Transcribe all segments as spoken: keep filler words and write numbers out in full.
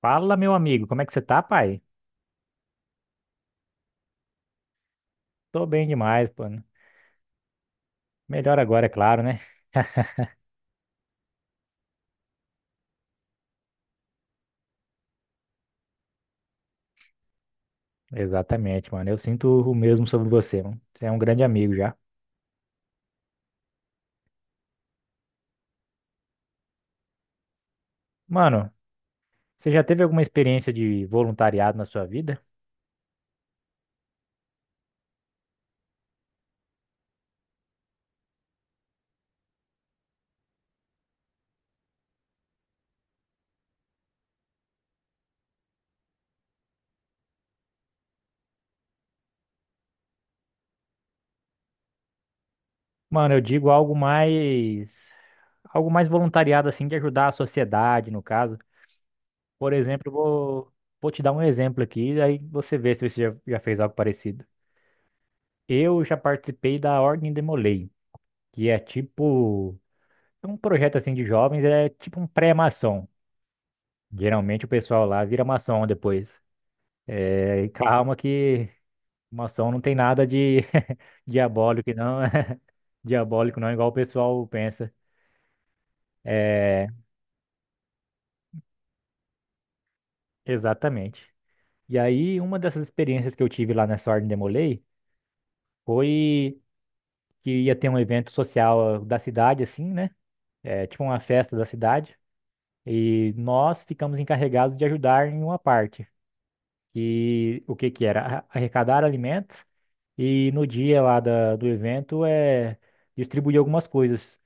Fala, meu amigo, como é que você tá, pai? Tô bem demais, pô. Né? Melhor agora, é claro, né? Exatamente, mano. Eu sinto o mesmo sobre você, mano. Você é um grande amigo já. Mano, você já teve alguma experiência de voluntariado na sua vida? Mano, eu digo algo mais. Algo mais voluntariado, assim, de ajudar a sociedade, no caso. Por exemplo, eu vou, vou te dar um exemplo aqui, aí você vê se você já, já fez algo parecido. Eu já participei da Ordem Demolei, que é tipo. É um projeto assim de jovens, é tipo um pré-maçom. Geralmente o pessoal lá vira maçom depois. É, e calma que maçom não tem nada de diabólico, não. Diabólico não, igual o pessoal pensa. É, exatamente. E aí, uma dessas experiências que eu tive lá nessa Ordem Demolei foi que ia ter um evento social da cidade, assim, né? É, tipo uma festa da cidade. E nós ficamos encarregados de ajudar em uma parte. E o que que era? Arrecadar alimentos. E no dia lá da, do evento é distribuir algumas coisas.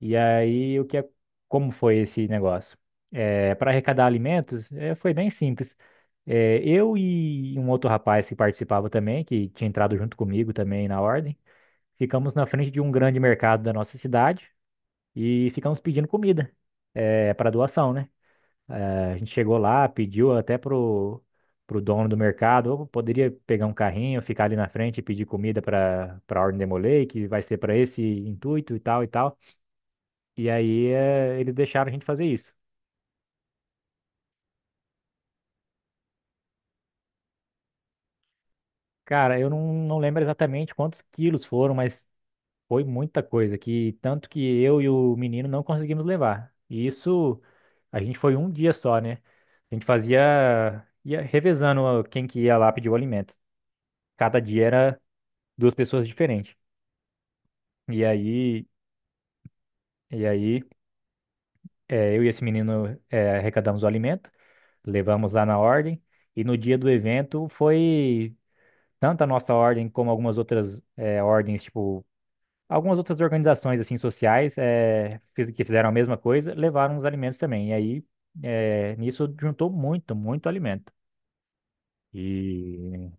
E aí o que é, como foi esse negócio? É, para arrecadar alimentos, é, foi bem simples. É, eu e um outro rapaz que participava também, que tinha entrado junto comigo também na ordem, ficamos na frente de um grande mercado da nossa cidade e ficamos pedindo comida, é, para doação, né? Eh, a gente chegou lá, pediu até pro, pro dono do mercado: "Ô, poderia pegar um carrinho, ficar ali na frente e pedir comida para para a Ordem Demolei, que vai ser para esse intuito e tal e tal." E aí eh, eles deixaram a gente fazer isso. Cara, eu não, não lembro exatamente quantos quilos foram, mas foi muita coisa, que tanto que eu e o menino não conseguimos levar. E isso a gente foi um dia só, né? A gente fazia, ia revezando quem que ia lá pedir o alimento. Cada dia era duas pessoas diferentes. E aí, e aí, eh, eu e esse menino eh, arrecadamos o alimento, levamos lá na ordem, e no dia do evento foi tanto a nossa ordem como algumas outras eh, ordens, tipo, algumas outras organizações assim sociais eh, fiz- que fizeram a mesma coisa, levaram os alimentos também. E aí, eh, nisso juntou muito, muito alimento. E,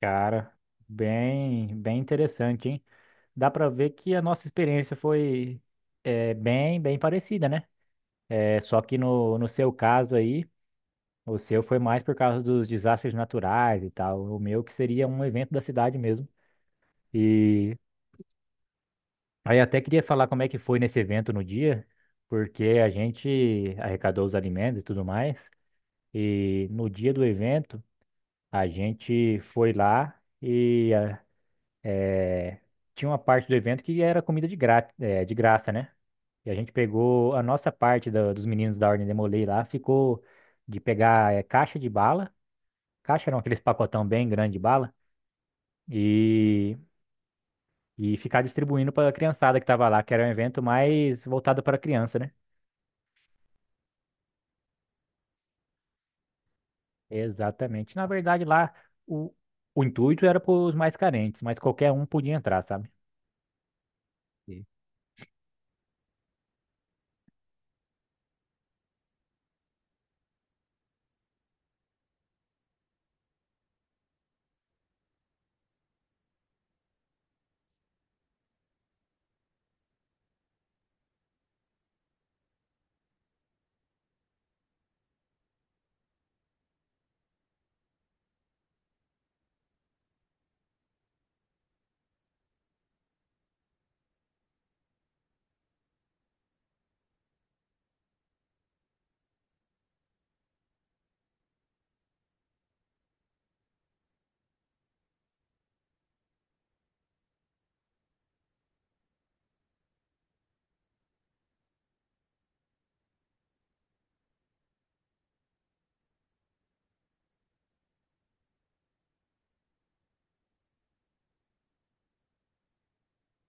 cara, bem, bem interessante, hein? Dá pra ver que a nossa experiência foi eh, bem, bem parecida, né? É só que no, no seu caso aí, o seu foi mais por causa dos desastres naturais e tal. O meu que seria um evento da cidade mesmo. E aí até queria falar como é que foi nesse evento no dia, porque a gente arrecadou os alimentos e tudo mais. E no dia do evento, a gente foi lá e ah, eh, tinha uma parte do evento que era comida de gra- eh, de graça, né? E a gente pegou a nossa parte da- dos meninos da Ordem Demolei lá, ficou de pegar eh, caixa de bala caixa, não, aqueles pacotão bem grande de bala, e, e ficar distribuindo para a criançada que estava lá, que era um evento mais voltado para criança, né? Exatamente. Na verdade, lá o, o intuito era para os mais carentes, mas qualquer um podia entrar, sabe? E,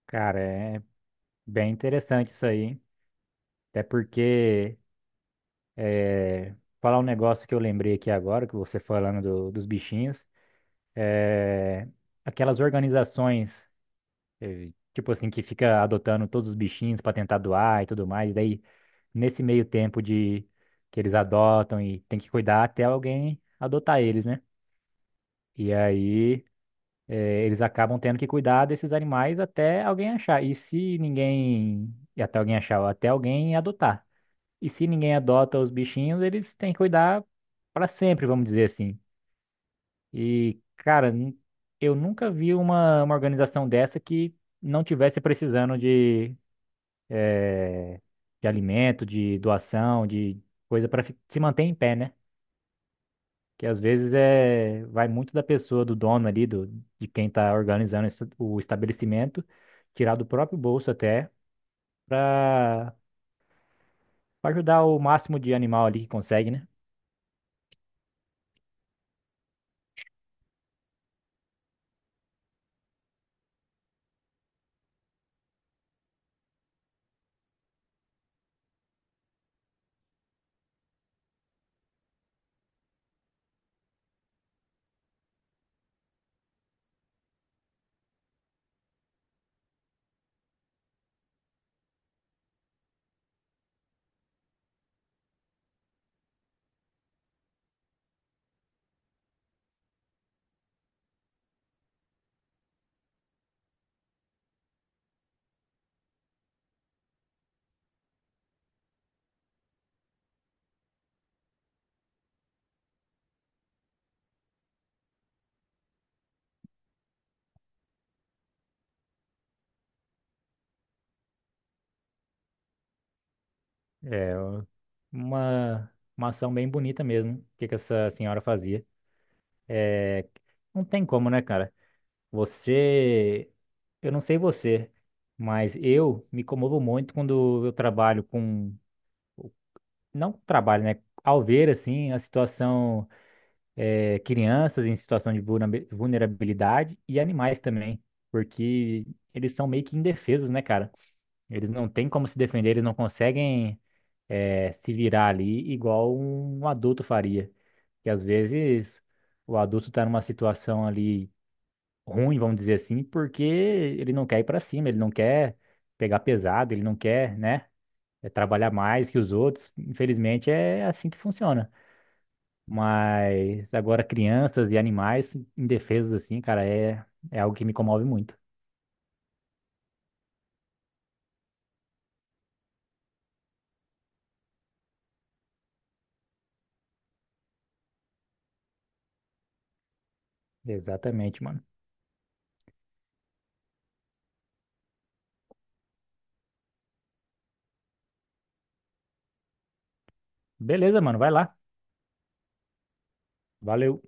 cara, é bem interessante isso aí, hein? Até porque, é, falar um negócio que eu lembrei aqui agora, que você falando do- dos bichinhos, é, aquelas organizações eh, tipo assim, que fica adotando todos os bichinhos para tentar doar e tudo mais. Daí, nesse meio tempo de que eles adotam e tem que cuidar até alguém adotar eles, né? E aí, eh, eles acabam tendo que cuidar desses animais até alguém achar. E se ninguém. E até alguém achar, ou até alguém adotar. E se ninguém adota os bichinhos, eles têm que cuidar para sempre, vamos dizer assim. E, cara, nu- eu nunca vi uma, uma organização dessa que não tivesse precisando de de alimento, de doação, de coisa para se manter em pé, né? Que às vezes é vai muito da pessoa, do dono ali, do, de quem está organizando esse- o estabelecimento, tirar do próprio bolso até para ajudar o máximo de animal ali que consegue, né? É uma, uma ação bem bonita mesmo, o que que essa senhora fazia. É, não tem como, né, cara? Você, eu não sei você, mas eu me comovo muito quando eu trabalho com não trabalho, né? Ao ver, assim, a situação, eh, crianças em situação de vulnerabi- vulnerabilidade e animais também, porque eles são meio que indefesos, né, cara? Eles não têm como se defender, eles não conseguem, eh, se virar ali igual um adulto faria. E às vezes o adulto tá numa situação ali ruim, vamos dizer assim, porque ele não quer ir pra cima, ele não quer pegar pesado, ele não quer, né? É trabalhar mais que os outros. Infelizmente, é assim que funciona. Mas agora crianças e animais indefesos assim, cara, é, é algo que me comove muito. Exatamente, mano. Beleza, mano, vai lá. Valeu.